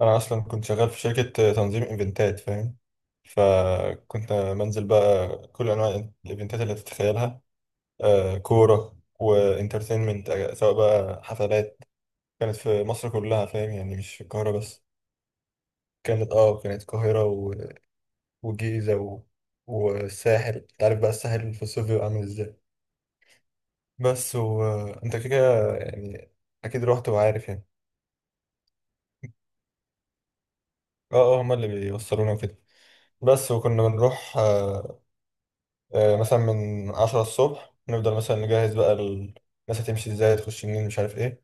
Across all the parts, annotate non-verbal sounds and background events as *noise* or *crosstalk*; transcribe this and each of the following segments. انا اصلا كنت شغال في شركه تنظيم ايفنتات فاهم. فكنت بنزل بقى كل انواع الايفنتات اللي تتخيلها. كوره وانترتينمنت، سواء بقى حفلات، كانت في مصر كلها، فاهم يعني مش في القاهره بس. كانت القاهره والجيزه والساحل. انت عارف بقى الساحل في الصيف بيبقى عامل ازاي. بس وانت كده كده يعني اكيد رحت وعارف يعني. اه اه هما اللي بيوصلونا وكده. بس وكنا بنروح. مثلا من عشرة الصبح نفضل مثلا نجهز بقى الناس هتمشي ازاي، هتخش منين، مش عارف ايه.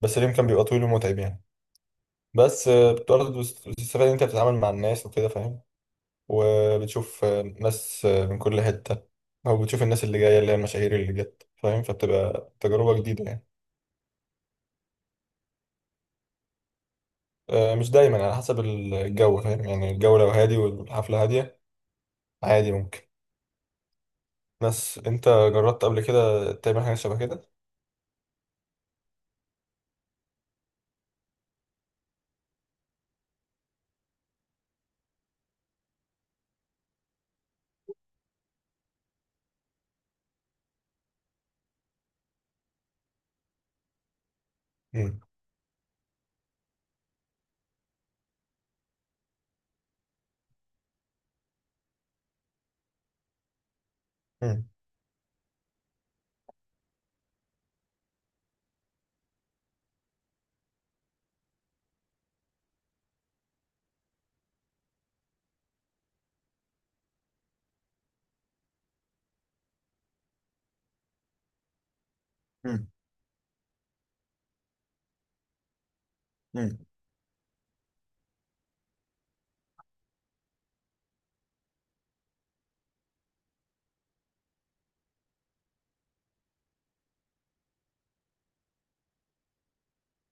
بس اليوم كان بيبقى طويل ومتعب يعني. بس بتقعد، بتستفاد ان انت بتتعامل مع الناس وكده فاهم. وبتشوف ناس من كل حتة. او بتشوف الناس اللي جاية اللي هي المشاهير اللي جت فاهم، فبتبقى تجربة جديدة يعني. مش دايما، على حسب الجو فاهم يعني. الجو لو هادي والحفلة هادية، عادي ممكن. بس انت جربت قبل كده تعمل حاجة شبه كده؟ مم. مم. مم.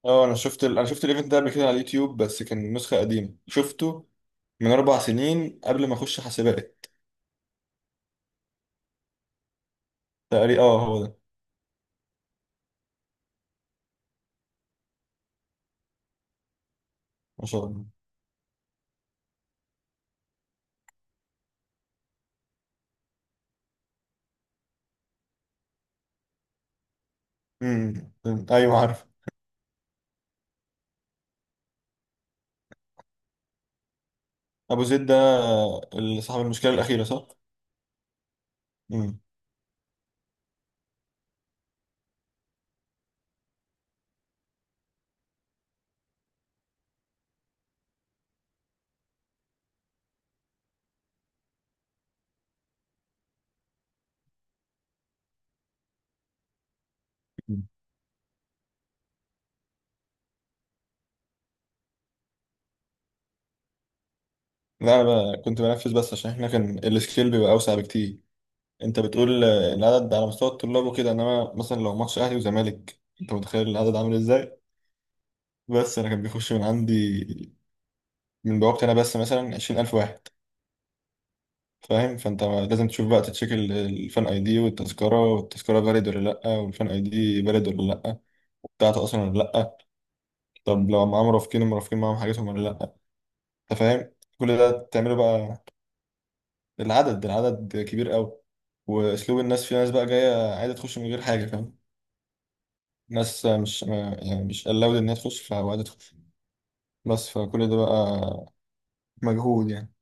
اه انا شفت الايفنت ده قبل كده على اليوتيوب، بس كان نسخه قديمه شفته من اربع سنين قبل ما اخش حسابات. تقريبا اه هو ده. ما شاء الله. أمم. ايوه عارف. ابو زيد ده، اللي صاحب المشكله الاخيره، صح؟ امم. أمم. لا انا بقى كنت بنفذ بس، عشان احنا كان السكيل بيبقى اوسع بكتير. انت بتقول العدد على مستوى الطلاب وكده، انما مثلا لو ماتش اهلي وزمالك انت متخيل العدد عامل ازاي. بس انا كان بيخش من عندي، من بوابتي انا بس، مثلا 20,000 واحد. فاهم؟ فانت لازم تشوف بقى تتشيك الفان اي دي والتذكره، والتذكره فاليد ولا لا، والفان اي دي فاليد ولا لا، بتاعته اصلا ولا لا. طب لو معاه مرافقين، المرافقين معاهم حاجتهم ولا لا. انت فاهم؟ كل ده تعمله بقى. العدد كبير قوي. واسلوب الناس، في ناس بقى جايه عايزه تخش من غير حاجه فاهم. ناس مش ما- يعني مش allowed ان هي تخش، فعايزه تخش بس. فكل ده بقى مجهود يعني.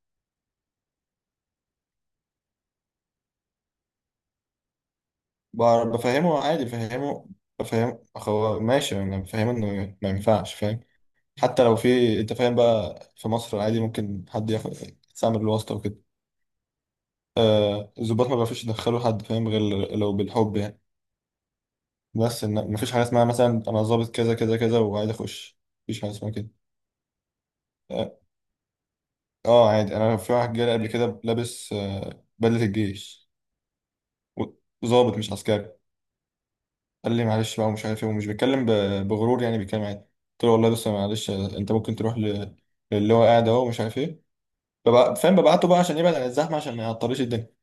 بفهمه عادي، بفهمه. بفهم هو ماشي، انا بفهمه انه ما ينفعش، فاهم. حتى لو في، انت فاهم بقى، في مصر عادي ممكن حد ياخد، يستعمل الواسطة وكده. الضباط ما بيعرفوش يدخلوا حد فاهم غير لو بالحب يعني. بس ان مفيش حاجة اسمها مثلا انا ظابط كذا كذا كذا وعايز اخش، مفيش حاجة اسمها كده. اه. اه، عادي، انا في واحد جالي قبل كده لابس بدلة الجيش. ظابط مش عسكري. قال لي معلش بقى ومش عارف ايه، ومش بيتكلم بغرور، يعني بيتكلم عادي. قلت له والله بس معلش، انت ممكن تروح للي هو قاعد اهو ومش عارف ايه. فاهم، ببعته بقى عشان يبعد عن الزحمة، عشان ما يعطليش الدنيا.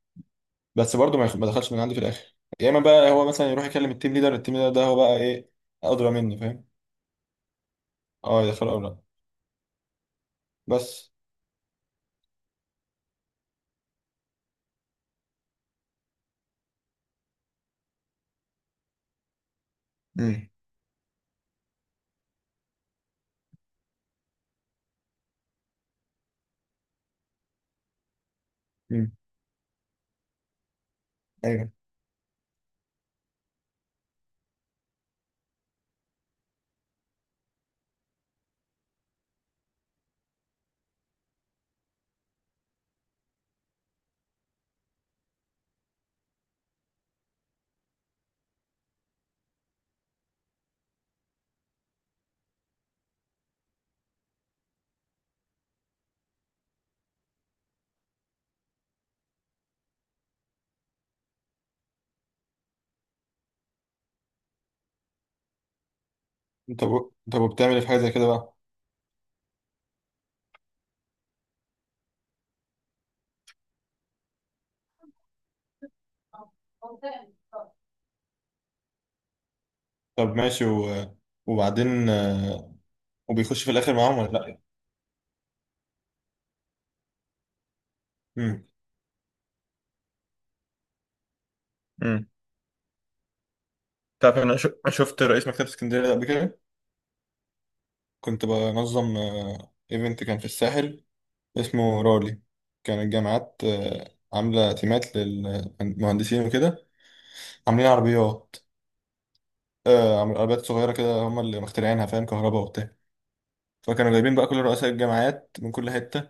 بس برضه ما دخلش من عندي في الاخر، يا اما بقى هو مثلا يروح يكلم التيم ليدر، التيم ليدر ده هو بقى ايه، ادرى مني فاهم. اه، يدخله او لا. بس. امم. امم. ايوه. طب طب وبتعمل إيه في حاجه زي كده بقى؟ طب ماشي وبعدين وبيخش في الاخر معاهم ولا لا؟ امم. امم. تعرف، انا شفت رئيس مكتبه اسكندريه ده قبل كده. كنت بنظم ايفنت كان في الساحل، اسمه رالي. كان الجامعات عامله تيمات للمهندسين وكده، عاملين عربيات. عملوا عربيات صغيرة كده هم اللي مخترعينها، فاهم، كهرباء وبتاع. فكانوا جايبين بقى كل رؤساء الجامعات من كل حتة،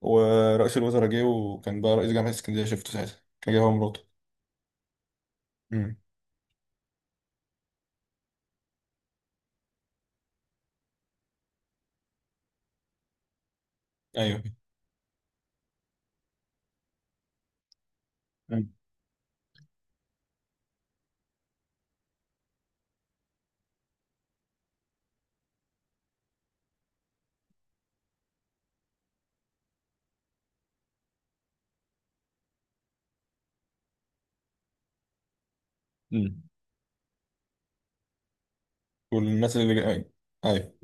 ورئيس الوزراء جه. وكان بقى رئيس جامعة اسكندرية شفته ساعتها، كان جاي هو مراته. امم. ايوه. مم. مم. والناس اللي جاي، ايوه. ايوه.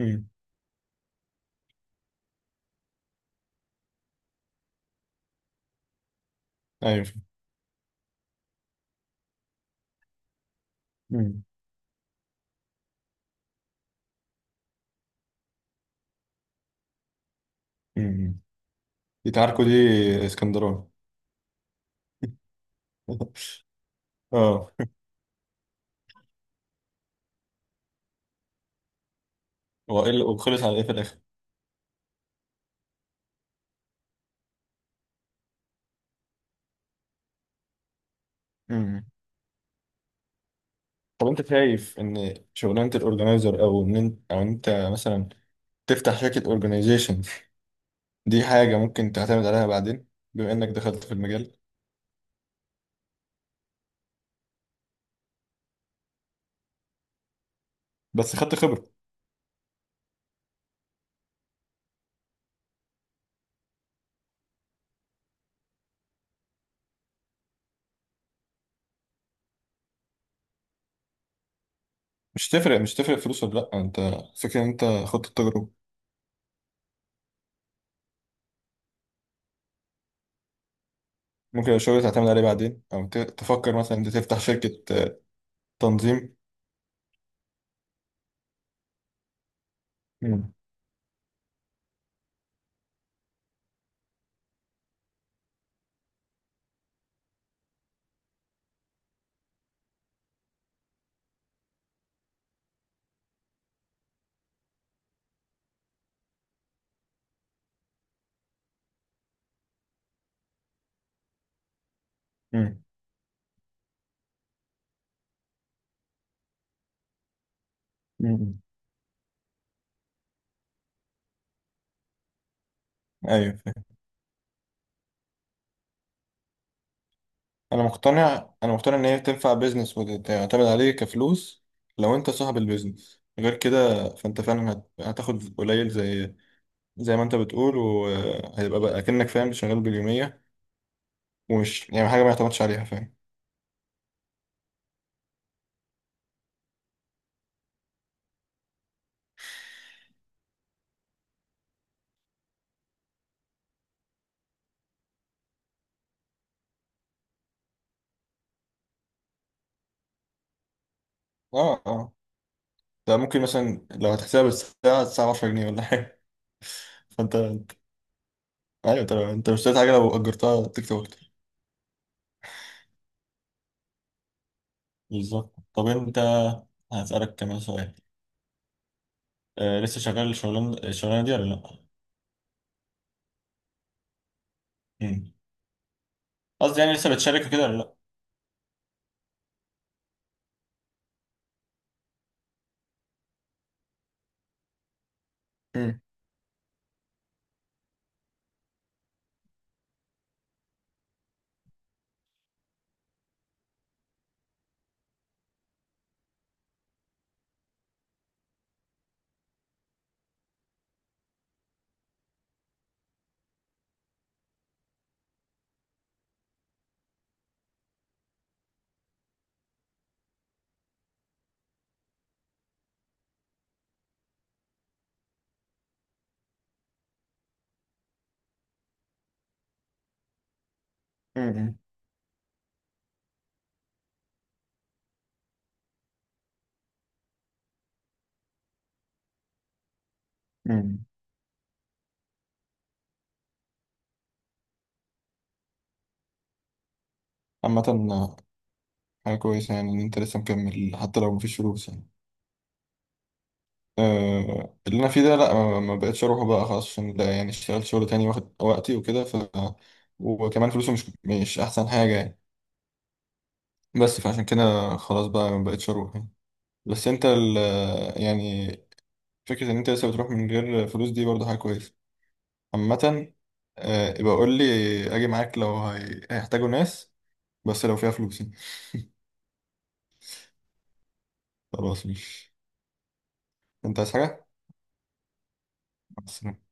امم. ايوه. امم. امم. دي تعاركوا، دي اسكندراني. *laughs* اه. هو ايه وخلص على ايه في الاخر؟ امم. طب انت شايف ان شغلانه الاورجنايزر، او ان انت، او انت مثلا تفتح شركه اورجنايزيشن، دي حاجة ممكن تعتمد عليها بعدين، بما انك دخلت في المجال، بس خدت خبرة. مش تفرق فلوس ولا لأ، انت فكرة ان انت خدت التجربة. ممكن الشغل تعتمد عليه بعدين، او تفكر مثلا انت تفتح شركة تنظيم. مم. مم. مم. ايوه. انا مقتنع ان هي تنفع بيزنس وتعتمد عليه كفلوس، لو انت صاحب البيزنس. غير كده فانت فعلا هتاخد قليل، زي زي ما انت بتقول. وهيبقى بقى كأنك، فاهم، شغال باليومية، ومش يعني حاجة ما يعتمدش عليها، فاهم. اه اه. ده ممكن مثلا لو هتحسبها بالساعة، الساعة 10 جنيه ولا حاجة. *laughs* فانت ايوه. انت مش اشتريت حاجة لو اجرتها تكسب اكتر. بالظبط. طب انت هسألك كمان سؤال، آه لسه شغال الشغلانة، دي ولا لا؟ مم. قصدي يعني لسه بتشارك كده ولا لا؟ مم. مم. مم. عامة آه، حاجة كويسة يعني إن أنت لسه مكمل، حتى لو مفيش فلوس يعني. أه، اللي أنا فيه ده لأ، ما بقتش أروحه بقى خلاص، عشان ده يعني اشتغلت شغل تاني واخد وقتي وكده، ف وكمان فلوسه مش أحسن حاجة يعني. بس فعشان كده خلاص بقى ما بقتش اروح يعني. بس انت ال يعني فكرة ان انت لسه بتروح من غير فلوس دي برضه حاجة كويسة عامة. يبقى قول لي اجي معاك لو هيحتاجوا ناس، بس لو فيها فلوس يعني. خلاص، مش انت عايز حاجة؟ مع السلامة.